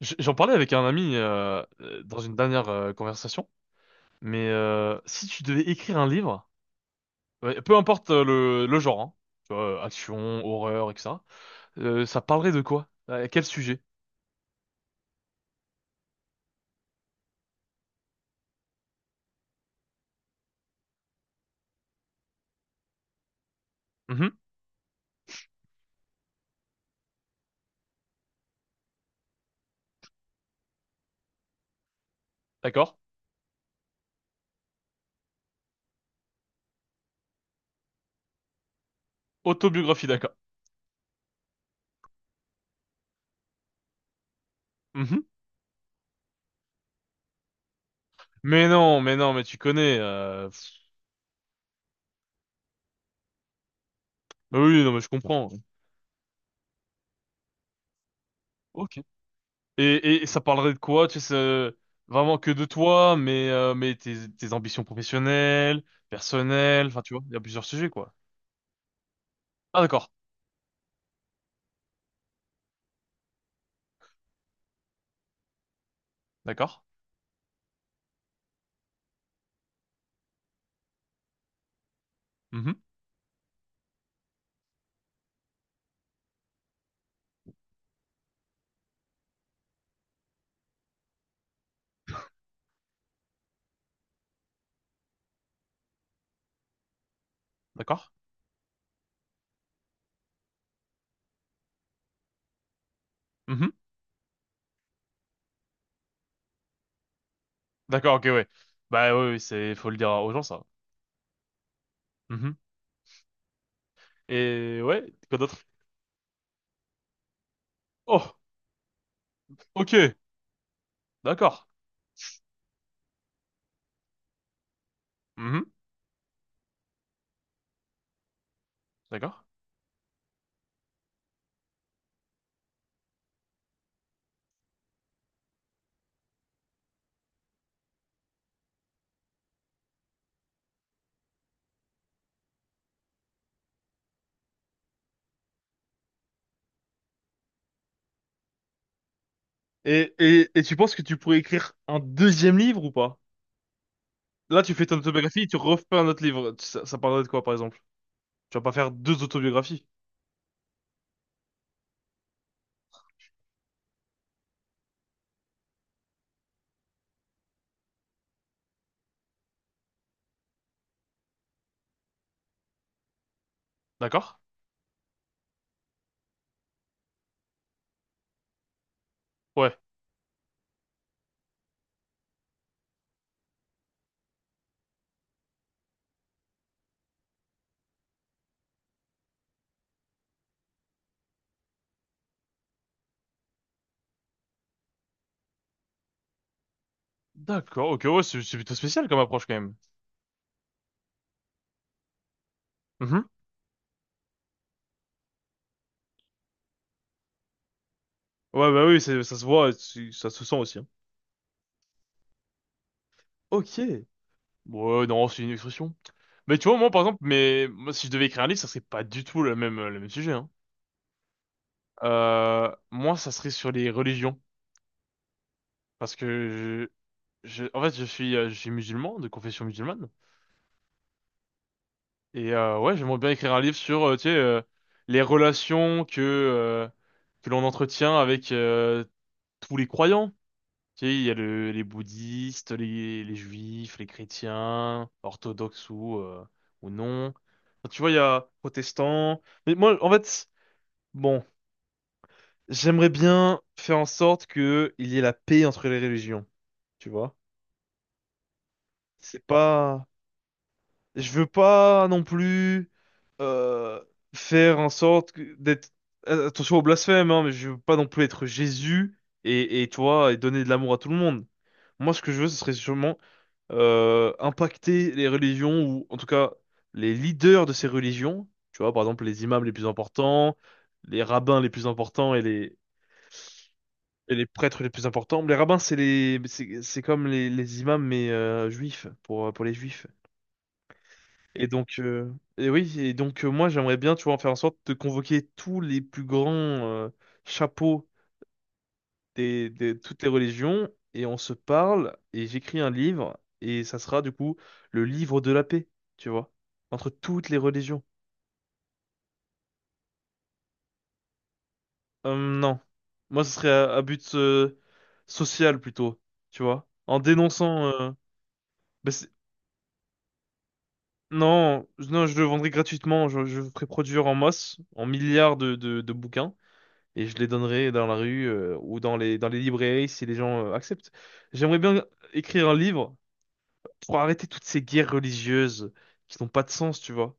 J'en parlais avec un ami dans une dernière conversation, mais si tu devais écrire un livre, ouais, peu importe le genre, hein, tu vois, action, horreur, etc., ça parlerait de quoi? À quel sujet? Mhm, d'accord. Autobiographie, d'accord. Mhm. Mais non, mais non, mais tu connais. Bah oui, non, mais je comprends. Ok. Et ça parlerait de quoi? Tu sais, c'est vraiment que de toi, mais tes ambitions professionnelles, personnelles, enfin, tu vois, il y a plusieurs sujets, quoi. Ah, d'accord, d'accord. D'accord? Mhm. D'accord, ok, ouais. Bah oui, oui, c'est faut le dire aux gens ça. Mhm. Et ouais, quoi d'autre? Oh, ok, d'accord. Mhm. D'accord. Et tu penses que tu pourrais écrire un deuxième livre ou pas? Là, tu fais ton autobiographie et tu refais un autre livre. Ça parlerait de quoi, par exemple? Tu vas pas faire deux autobiographies. D'accord? Ouais. D'accord, ok, ouais, c'est plutôt spécial comme approche quand même. Mhm. Ouais, bah oui, ça se voit, et ça se sent aussi, hein. Ok. Ouais, non, c'est une expression. Mais tu vois, moi, par exemple, mais moi, si je devais écrire un livre, ça serait pas du tout le même sujet, hein. Moi, ça serait sur les religions. Parce que en fait, je suis musulman, de confession musulmane. Et ouais, j'aimerais bien écrire un livre sur, tu sais, les relations que l'on entretient avec tous les croyants. Tu sais, il y a les bouddhistes, les juifs, les chrétiens, orthodoxes ou non. Enfin, tu vois, il y a protestants. Mais moi, en fait, bon, j'aimerais bien faire en sorte que il y ait la paix entre les religions, tu vois. C'est pas... Je veux pas non plus euh, faire en sorte d'être... attention au blasphème, hein, mais je veux pas non plus être Jésus et toi, et donner de l'amour à tout le monde. Moi, ce que je veux, ce serait sûrement impacter les religions ou en tout cas les leaders de ces religions, tu vois, par exemple les imams les plus importants, les rabbins les plus importants et les prêtres les plus importants. Les rabbins, c'est comme les imams mais juifs pour les juifs. Et donc, moi j'aimerais bien, tu vois, faire en sorte de convoquer tous les plus grands chapeaux toutes les religions et on se parle et j'écris un livre et ça sera du coup le livre de la paix, tu vois, entre toutes les religions. Non, moi ce serait à but social plutôt, tu vois, en dénonçant. Bah, c'est- non, non, je le vendrais gratuitement, je le ferais produire en masse, en milliards de bouquins. Et je les donnerais dans la rue ou dans dans les librairies si les gens acceptent. J'aimerais bien écrire un livre pour arrêter toutes ces guerres religieuses qui n'ont pas de sens, tu vois.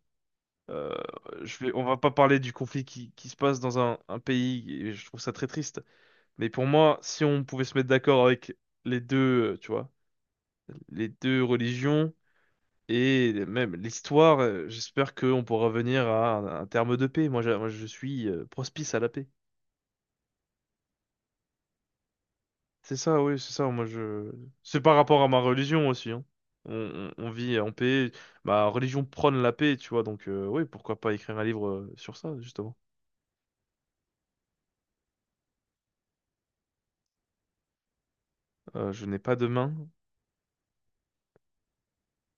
Euh, on va pas parler du conflit qui se passe dans un pays, et je trouve ça très triste. Mais pour moi, si on pouvait se mettre d'accord avec les deux, tu vois, les deux religions et même l'histoire, j'espère qu'on pourra venir à un terme de paix. Moi, je suis prospice à la paix. C'est ça, oui, c'est ça. Moi, je. C'est par rapport à ma religion aussi, hein. On vit en paix. Ma religion prône la paix, tu vois. Donc, oui, pourquoi pas écrire un livre sur ça, justement. Je n'ai pas de main.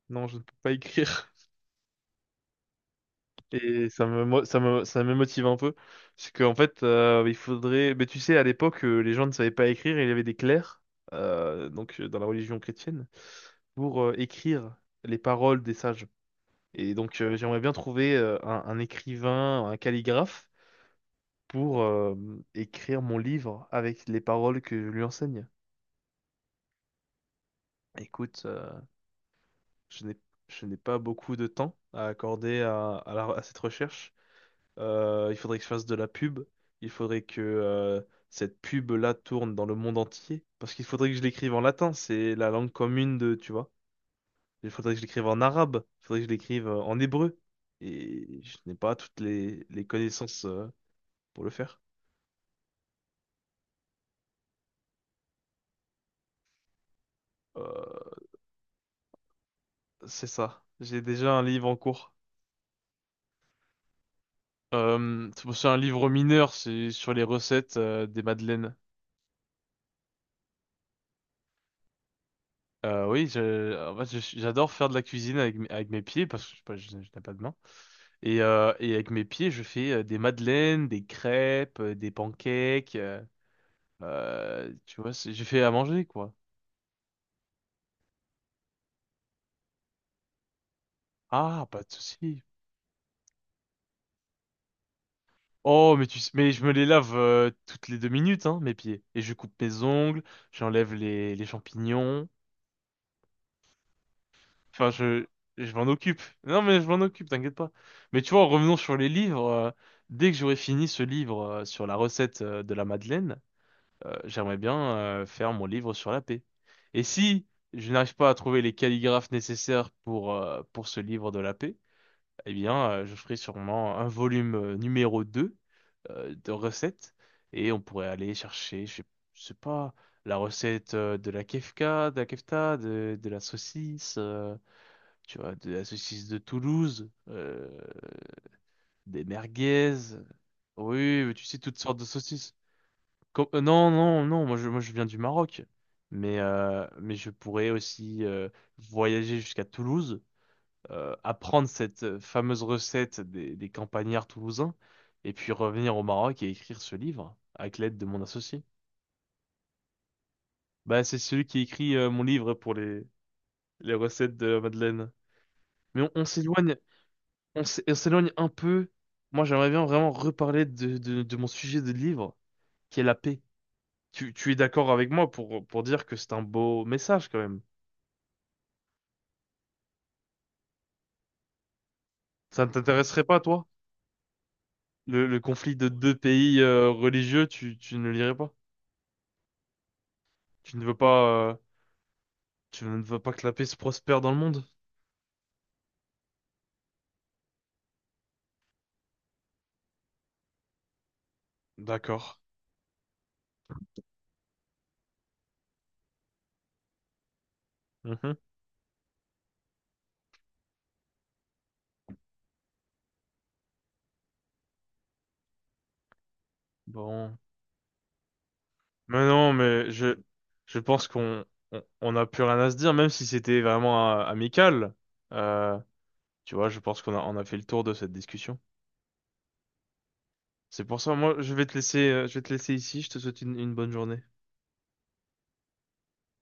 Non, je ne peux pas écrire. Et ça me, mo- ça me motive un peu. C'est qu'en fait, il faudrait. Mais tu sais, à l'époque, les gens ne savaient pas écrire. Il y avait des clercs, dans la religion chrétienne, pour écrire les paroles des sages. Et donc, j'aimerais bien trouver un écrivain, un calligraphe pour écrire mon livre avec les paroles que je lui enseigne. Écoute, je n'ai je n'ai pas beaucoup de temps à accorder à à cette recherche. Il faudrait que je fasse de la pub. Il faudrait que cette pub-là tourne dans le monde entier. Parce qu'il faudrait que je l'écrive en latin, c'est la langue commune de, tu vois. Il faudrait que je l'écrive en arabe. Il faudrait que je l'écrive en hébreu. Et je n'ai pas toutes les connaissances pour le faire. Euh, c'est ça. J'ai déjà un livre en cours. C'est un livre mineur, c'est sur les recettes des madeleines. En fait, j'adore faire de la cuisine avec, avec mes pieds parce que je n'ai pas de main. Et avec mes pieds, je fais des madeleines, des crêpes, des pancakes, tu vois, j'ai fait à manger, quoi. Ah, pas de souci. Oh, mais je me les lave toutes les deux minutes, hein, mes pieds. Et je coupe mes ongles, j'enlève les champignons. Enfin, je, je m'en occupe. Non, mais je m'en occupe, t'inquiète pas. Mais tu vois, revenons sur les livres. Dès que j'aurai fini ce livre sur la recette de la Madeleine, j'aimerais bien faire mon livre sur la paix. Et si je n'arrive pas à trouver les calligraphes nécessaires pour ce livre de la paix, eh bien, je ferai sûrement un volume numéro 2 de recettes. Et on pourrait aller chercher, je sais pas, la recette de la kefta, de la saucisse, tu vois, de la saucisse de Toulouse, des merguez. Oui, mais tu sais, toutes sortes de saucisses. Com- non, non, non, moi je, Moi je viens du Maroc. Mais je pourrais aussi voyager jusqu'à Toulouse, apprendre cette fameuse recette des campagnards toulousains, et puis revenir au Maroc et écrire ce livre avec l'aide de mon associé. Bah, c'est celui qui écrit mon livre pour les recettes de la Madeleine. Mais on s'éloigne, on s'éloigne un peu. Moi, j'aimerais bien vraiment reparler de mon sujet de livre, qui est la paix. Tu es d'accord avec moi pour dire que c'est un beau message quand même. Ça ne t'intéresserait pas, toi? Le conflit de deux pays religieux, tu ne lirais pas? Tu ne veux pas, tu ne veux pas que la paix se prospère dans le monde? D'accord. Mhm. Bon. Mais non, mais Je pense qu'on on a plus rien à se dire, même si c'était vraiment amical. Euh, Tu vois, je pense on a fait le tour de cette discussion. C'est pour ça, moi, je vais te laisser, je vais te laisser ici. Je te souhaite une bonne journée.